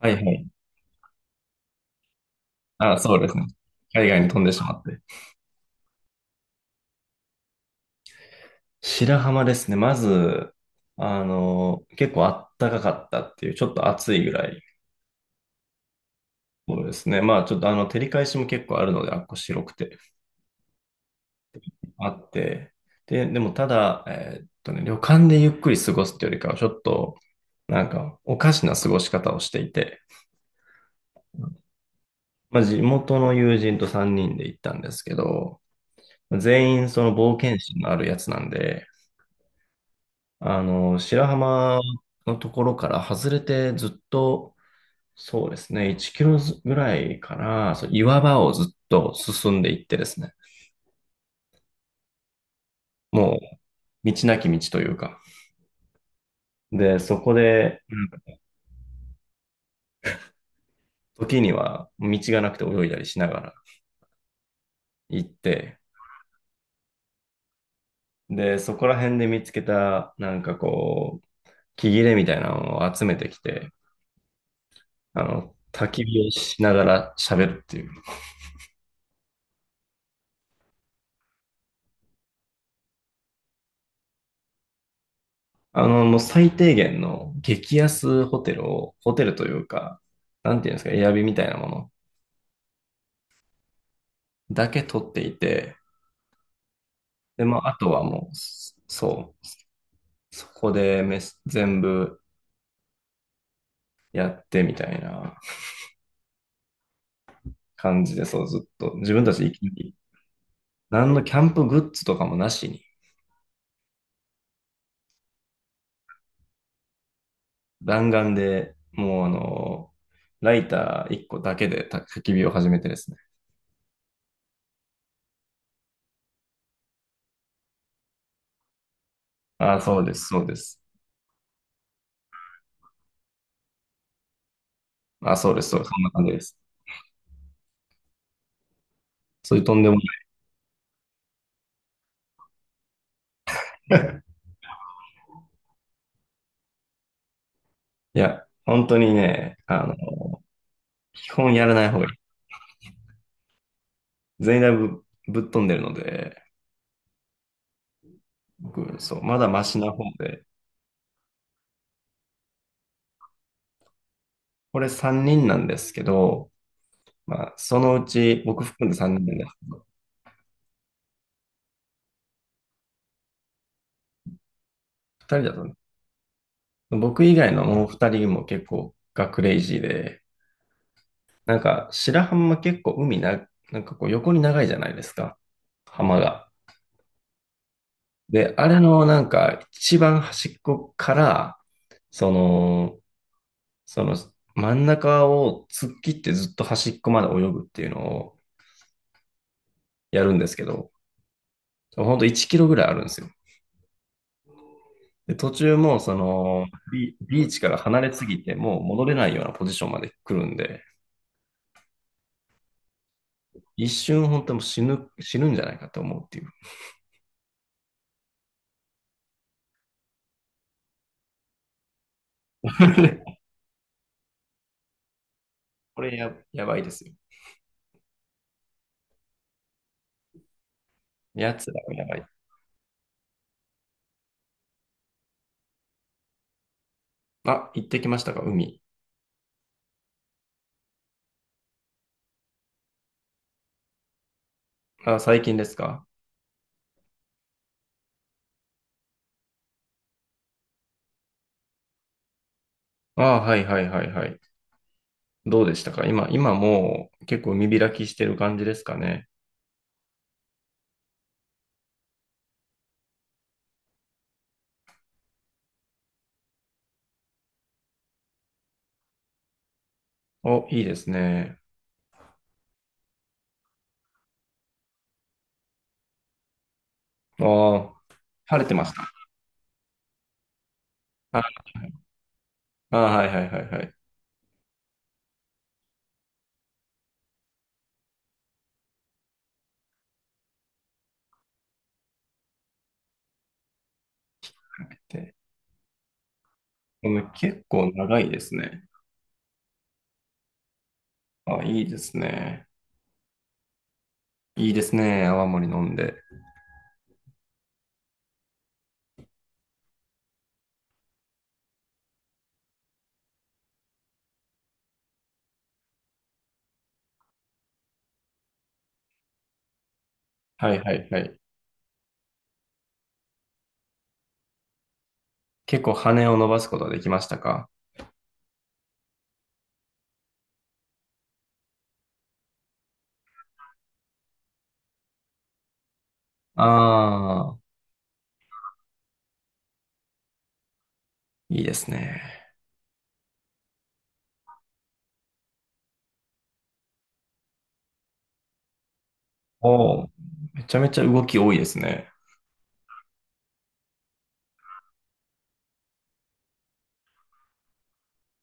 はいはい。あ、そうですね。海外に飛んでしまって。白浜ですね。まず、結構あったかかったっていう、ちょっと暑いぐらい。そうですね。まあ、ちょっと、照り返しも結構あるので、あっこ白くて、あって。でもただ、旅館でゆっくり過ごすっていうよりかは、ちょっと、なんか、おかしな過ごし方をしていて、まあ、地元の友人と3人で行ったんですけど、全員その冒険心のあるやつなんで、白浜のところから外れてずっと、そうですね、1キロぐらいから、そう岩場をずっと進んでいってですね、もう道なき道というか、で、そこで、うん時には道がなくて泳いだりしながら行って、で、そこら辺で見つけた、なんかこう、木切れみたいなのを集めてきて、焚き火をしながら喋るっていう。もう最低限の激安ホテルを、ホテルというか、なんていうんですか、エアビみたいなものだけ取っていて、で、まあ、あとはもう、そう、そこでめ全部やってみたいな感じで、そう、ずっと、自分たちで生き抜き何のキャンプグッズとかもなしに、弾丸で、もう、ライター1個だけで焚き火を始めてですね。あ、そうです、そうです。あ、そうです、そうです、そんな感じです。そういうとんでもない。いや、本当にね、基本やらない方がいい。全員だいぶぶっ飛んでるので、僕、そう、まだマシな方で、これ3人なんですけど、まあ、そのうち、僕含んで3人なんですけど、人だとね、僕以外のもう2人も結構がクレイジーで、なんか、白浜結構海な、なんかこう横に長いじゃないですか、浜が。で、あれのなんか、一番端っこから、その、その真ん中を突っ切ってずっと端っこまで泳ぐっていうのをやるんですけど、ほんと1キロぐらいあるんですよ。で、途中もそのビーチから離れすぎてもう戻れないようなポジションまで来るんで、一瞬本当もう死ぬんじゃないかと思うっていう。これや、やばいですよ。やつらがやばい。あ、行ってきましたか海。あ、最近ですか？あ、はいはいはいはい。どうでしたか今、今もう結構海開きしてる感じですかね。お、いいですね。ああ、晴れてました。ああ、はいはいはいはい。で、でも結構長いですね。あ、いいですね。いいですね。泡盛飲んで。はいはいはい。結構羽を伸ばすことはできましたか？ああ、いいですね。おお、めちゃめちゃ動き多いですね。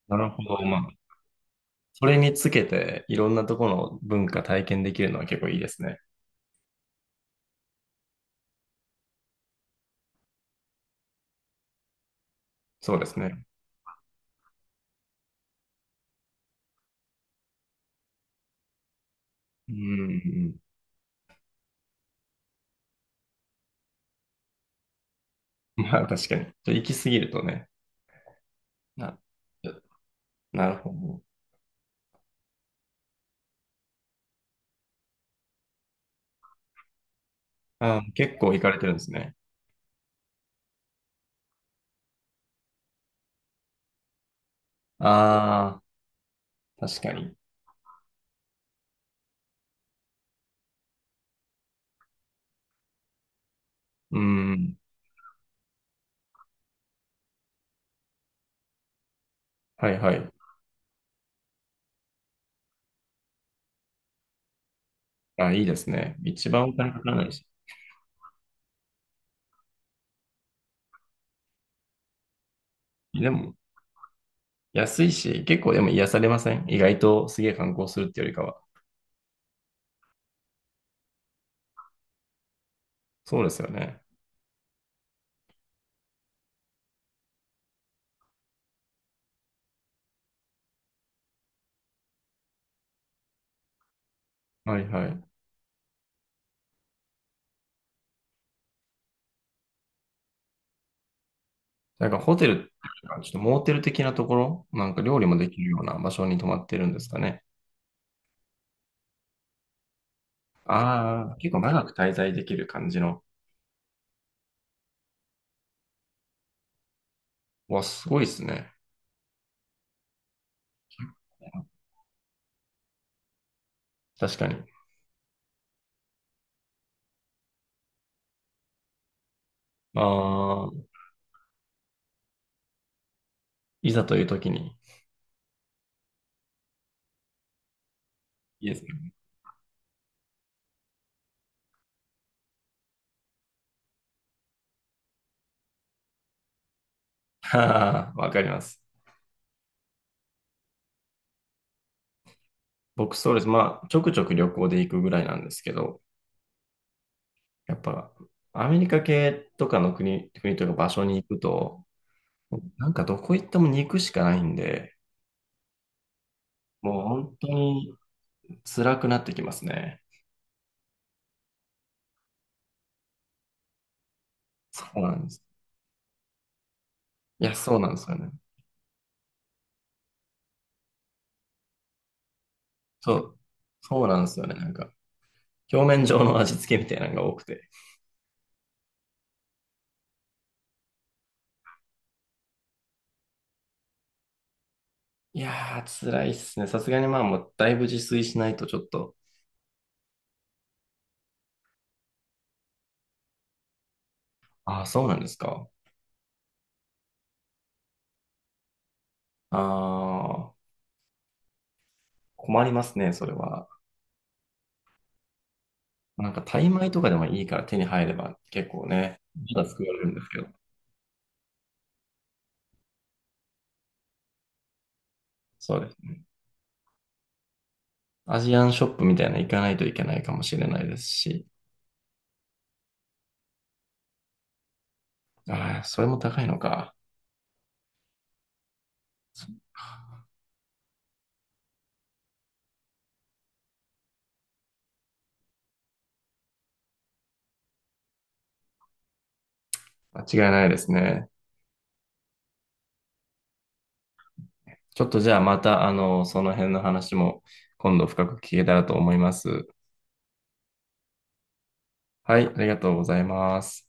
なるほど。まあ、それにつけて、いろんなところの文化体験できるのは結構いいですね。そうですね。うん。うん。まあ、確かに。ちょっと行き過ぎるとね。な、なるほど。あー、結構行かれてるんですね。ああ、確かに。うん。はいはい。あ、いいですね。一番お金かからないし。でも、安いし、結構でも癒されません？意外とすげえ観光するってよりかは。そうですよね。はいはい。なんかホテルっていうか、ちょっとモーテル的なところ、なんか料理もできるような場所に泊まってるんですかね。ああ、結構長く滞在できる感じの。わ、すごいですね。確かに。ああ、いざという時に。いいですね。ははははわかります。僕そうです。まあ、ちょくちょく旅行で行くぐらいなんですけど、やっぱ、アメリカ系とかの国、国というか場所に行くと、なんかどこ行っても肉しかないんで、もう本当に辛くなってきますね。そうなんです。いや、そうなんですよね。そう、そうなんですよね。なんか、表面上の味付けみたいなのが多くて。いやー、辛いっすね。さすがにまあ、もうだいぶ自炊しないとちょっと、ああ、そうなんですか。ああ、困りますね、それは。なんか、タイ米とかでもいいから手に入れば結構ね、まだ作られるんですけど。そうです。アジアンショップみたいなの行かないといけないかもしれないですし。ああ、それも高いのか。間違いないですね。ちょっとじゃあまた、その辺の話も今度深く聞けたらと思います。はい、ありがとうございます。